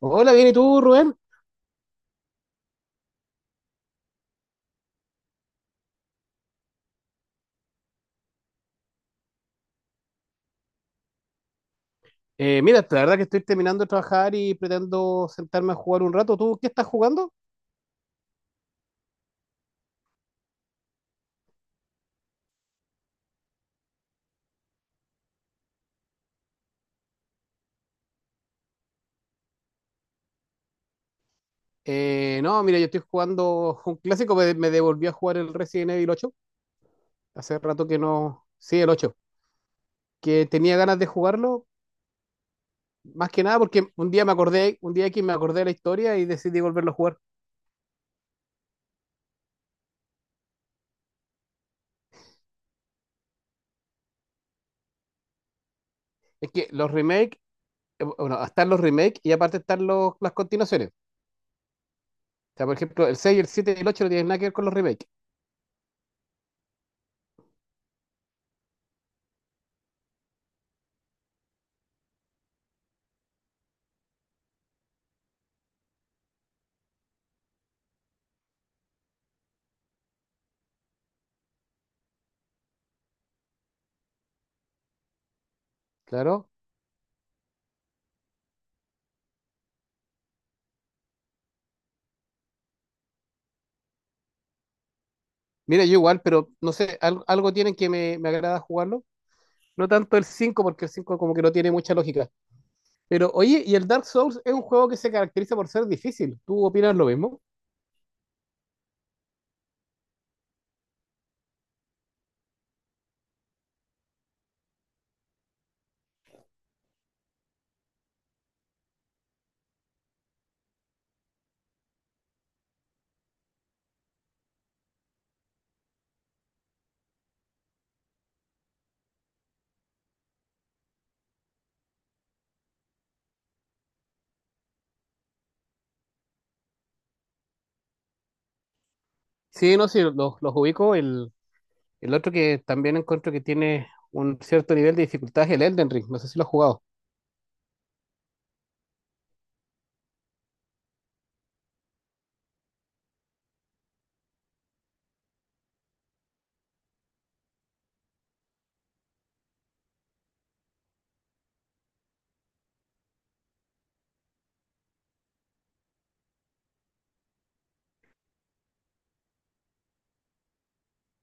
Hola, bien, ¿y tú, Rubén? Mira, la verdad que estoy terminando de trabajar y pretendo sentarme a jugar un rato. ¿Tú qué estás jugando? No, mira, yo estoy jugando un clásico, me devolví a jugar el Resident Evil 8. Hace rato que no. Sí, el 8. Que tenía ganas de jugarlo, más que nada porque un día aquí me acordé de la historia y decidí volverlo a jugar. Es que los remakes, bueno, están los remakes y aparte están las continuaciones. O sea, por ejemplo, el 6, el 7 y el 8 no tienen nada que ver con los remakes. Claro, mira, yo igual, pero no sé, algo tienen que me agrada jugarlo. No tanto el 5 porque el 5 como que no tiene mucha lógica. Pero oye, y el Dark Souls es un juego que se caracteriza por ser difícil. ¿Tú opinas lo mismo? Sí, no, sí, los ubico. El otro que también encuentro que tiene un cierto nivel de dificultad es el Elden Ring. No sé si lo has jugado.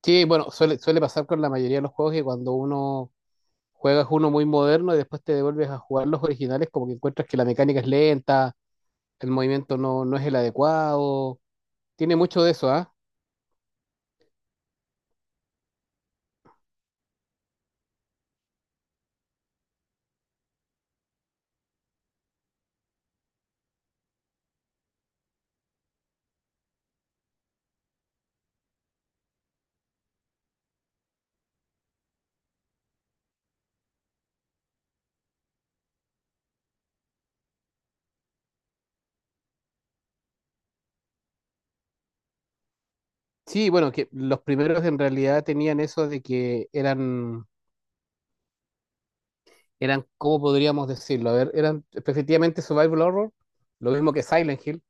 Sí, bueno, suele pasar con la mayoría de los juegos que cuando uno juegas uno muy moderno y después te devuelves a jugar los originales, como que encuentras que la mecánica es lenta, el movimiento no, no es el adecuado. Tiene mucho de eso, ¿ah? Sí, bueno, que los primeros en realidad tenían eso de que eran, ¿cómo podríamos decirlo? A ver, eran efectivamente Survival Horror, lo mismo que Silent Hill.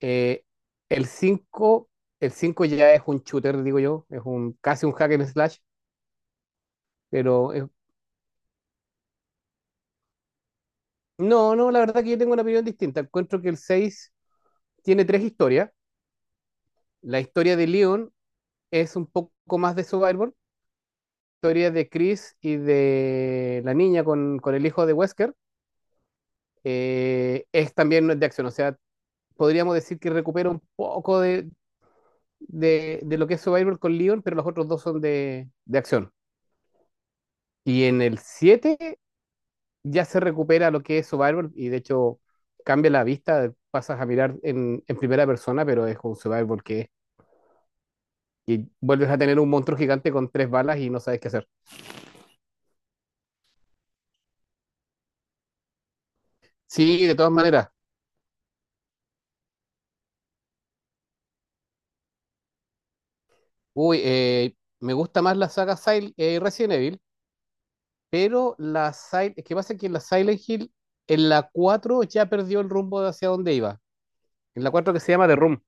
Eh, el 5 el 5 ya es un shooter, digo yo, es un casi un hack and slash, pero es- no, no, la verdad que yo tengo una opinión distinta. Encuentro que el 6 tiene tres historias. La historia de Leon es un poco más de Survival. Historia de Chris y de la niña con el hijo de Wesker es también de acción. O sea, podríamos decir que recupera un poco de lo que es Survivor con Leon, pero los otros dos son de acción. Y en el 7 ya se recupera lo que es Survivor y de hecho cambia la vista, pasas a mirar en primera persona, pero es un Survivor que vuelves a tener un monstruo gigante con tres balas y no sabes qué hacer. Sí, de todas maneras. Uy, me gusta más la saga Sil Resident Evil. Pero es que pasa que la Silent Hill en la 4 ya perdió el rumbo de hacia dónde iba. En la 4 que se llama The Room.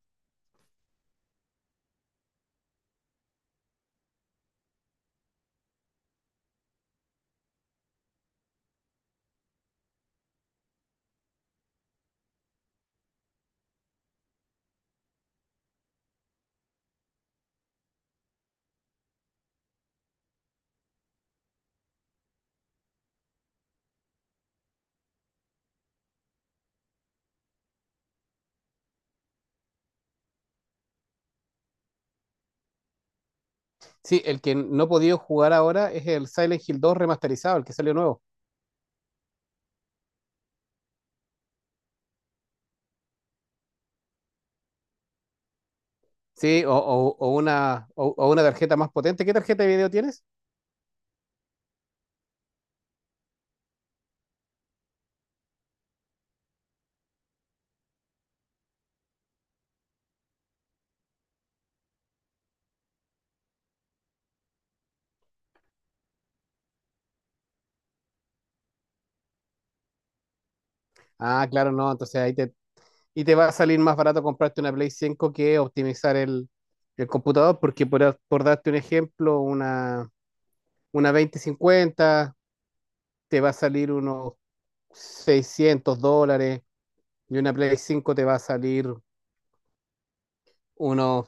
Sí, el que no he podido jugar ahora es el Silent Hill dos remasterizado, el que salió nuevo. Sí, o una tarjeta más potente. ¿Qué tarjeta de video tienes? Ah, claro, no, entonces y te va a salir más barato comprarte una Play 5 que optimizar el computador, porque por darte un ejemplo, una 2050 te va a salir unos 600 dólares. Y una Play 5 te va a salir unos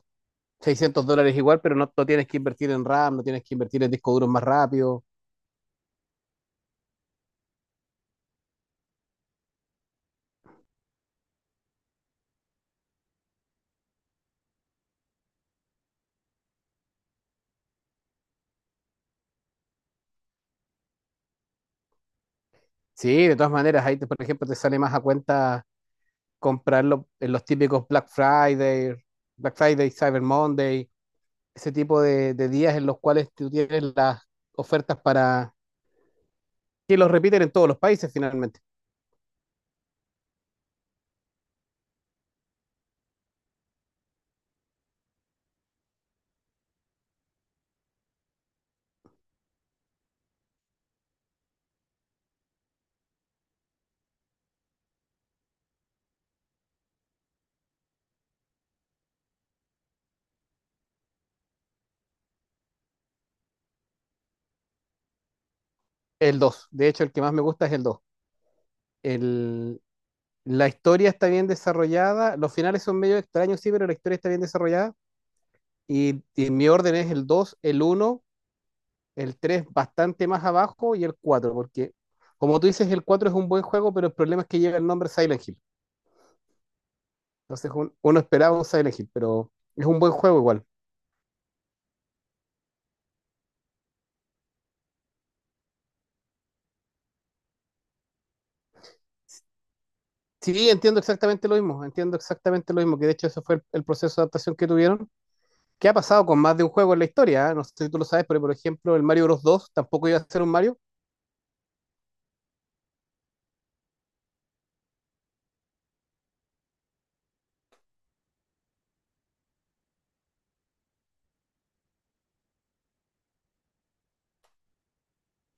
600 dólares igual, pero no, no tienes que invertir en RAM, no tienes que invertir en discos duros más rápido. Sí, de todas maneras, ahí, por ejemplo, te sale más a cuenta comprarlo en los típicos Black Friday, Cyber Monday, ese tipo de días en los cuales tú tienes las ofertas para que los repiten en todos los países finalmente. El dos de hecho, el que más me gusta es el dos. El, la historia está bien desarrollada, los finales son medio extraños, sí, pero la historia está bien desarrollada. Y mi orden es el dos, el uno, el 3 bastante más abajo y el 4 porque como tú dices, el 4 es un buen juego, pero el problema es que llega el nombre Silent Hill. Entonces uno esperaba un Silent Hill, pero es un buen juego igual. Sí, entiendo exactamente lo mismo, entiendo exactamente lo mismo, que de hecho eso fue el proceso de adaptación que tuvieron. ¿Qué ha pasado con más de un juego en la historia? ¿Eh? No sé si tú lo sabes, pero por ejemplo, el Mario Bros. Dos tampoco iba a ser un Mario.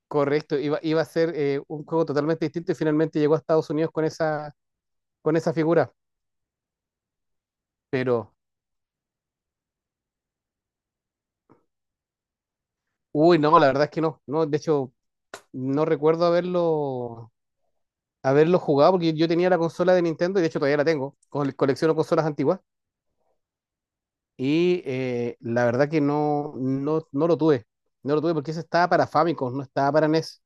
Correcto, iba a ser un juego totalmente distinto y finalmente llegó a Estados Unidos con esa figura. Pero Uy, no, la verdad es que no. No, de hecho, no recuerdo haberlo jugado porque yo tenía la consola de Nintendo y de hecho todavía la tengo. Colecciono consolas antiguas y la verdad que no, no, no lo tuve. No lo tuve porque eso estaba para Famicom, no estaba para NES.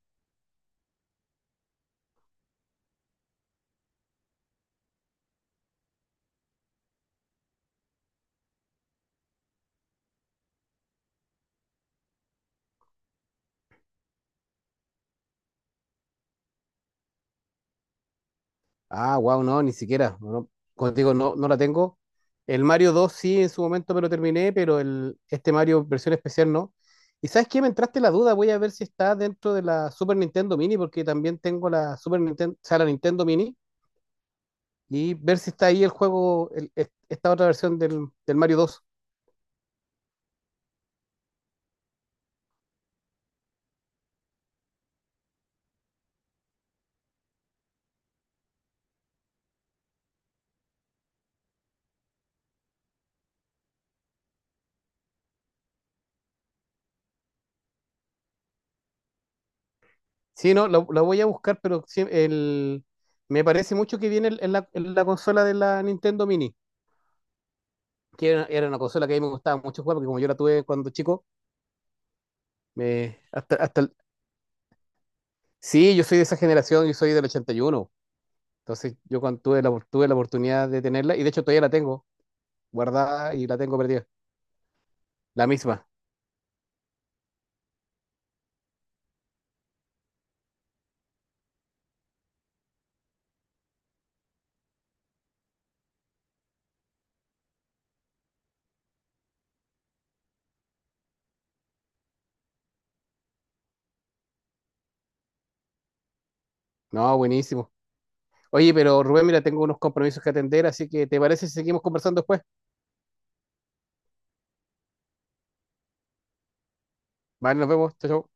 Ah, wow, no, ni siquiera. No, contigo no, no la tengo. El Mario dos sí, en su momento me lo terminé, pero este Mario versión especial no. ¿Y sabes qué? Me entraste la duda, voy a ver si está dentro de la Super Nintendo Mini porque también tengo la Super Nintendo, o sea, la Nintendo Mini y ver si está ahí el juego, esta otra versión del Mario dos. Sí, no, la voy a buscar, pero sí, me parece mucho que viene en la consola de la Nintendo Mini, que era una consola que a mí me gustaba mucho jugar, porque como yo la tuve cuando chico, me, hasta, hasta el- sí, yo soy de esa generación, yo soy del 81, entonces yo cuando tuve la oportunidad de tenerla, y de hecho todavía la tengo guardada y la tengo perdida, la misma. No, buenísimo. Oye, pero Rubén, mira, tengo unos compromisos que atender, así que ¿te parece si seguimos conversando después? Vale, nos vemos. Chao, chao.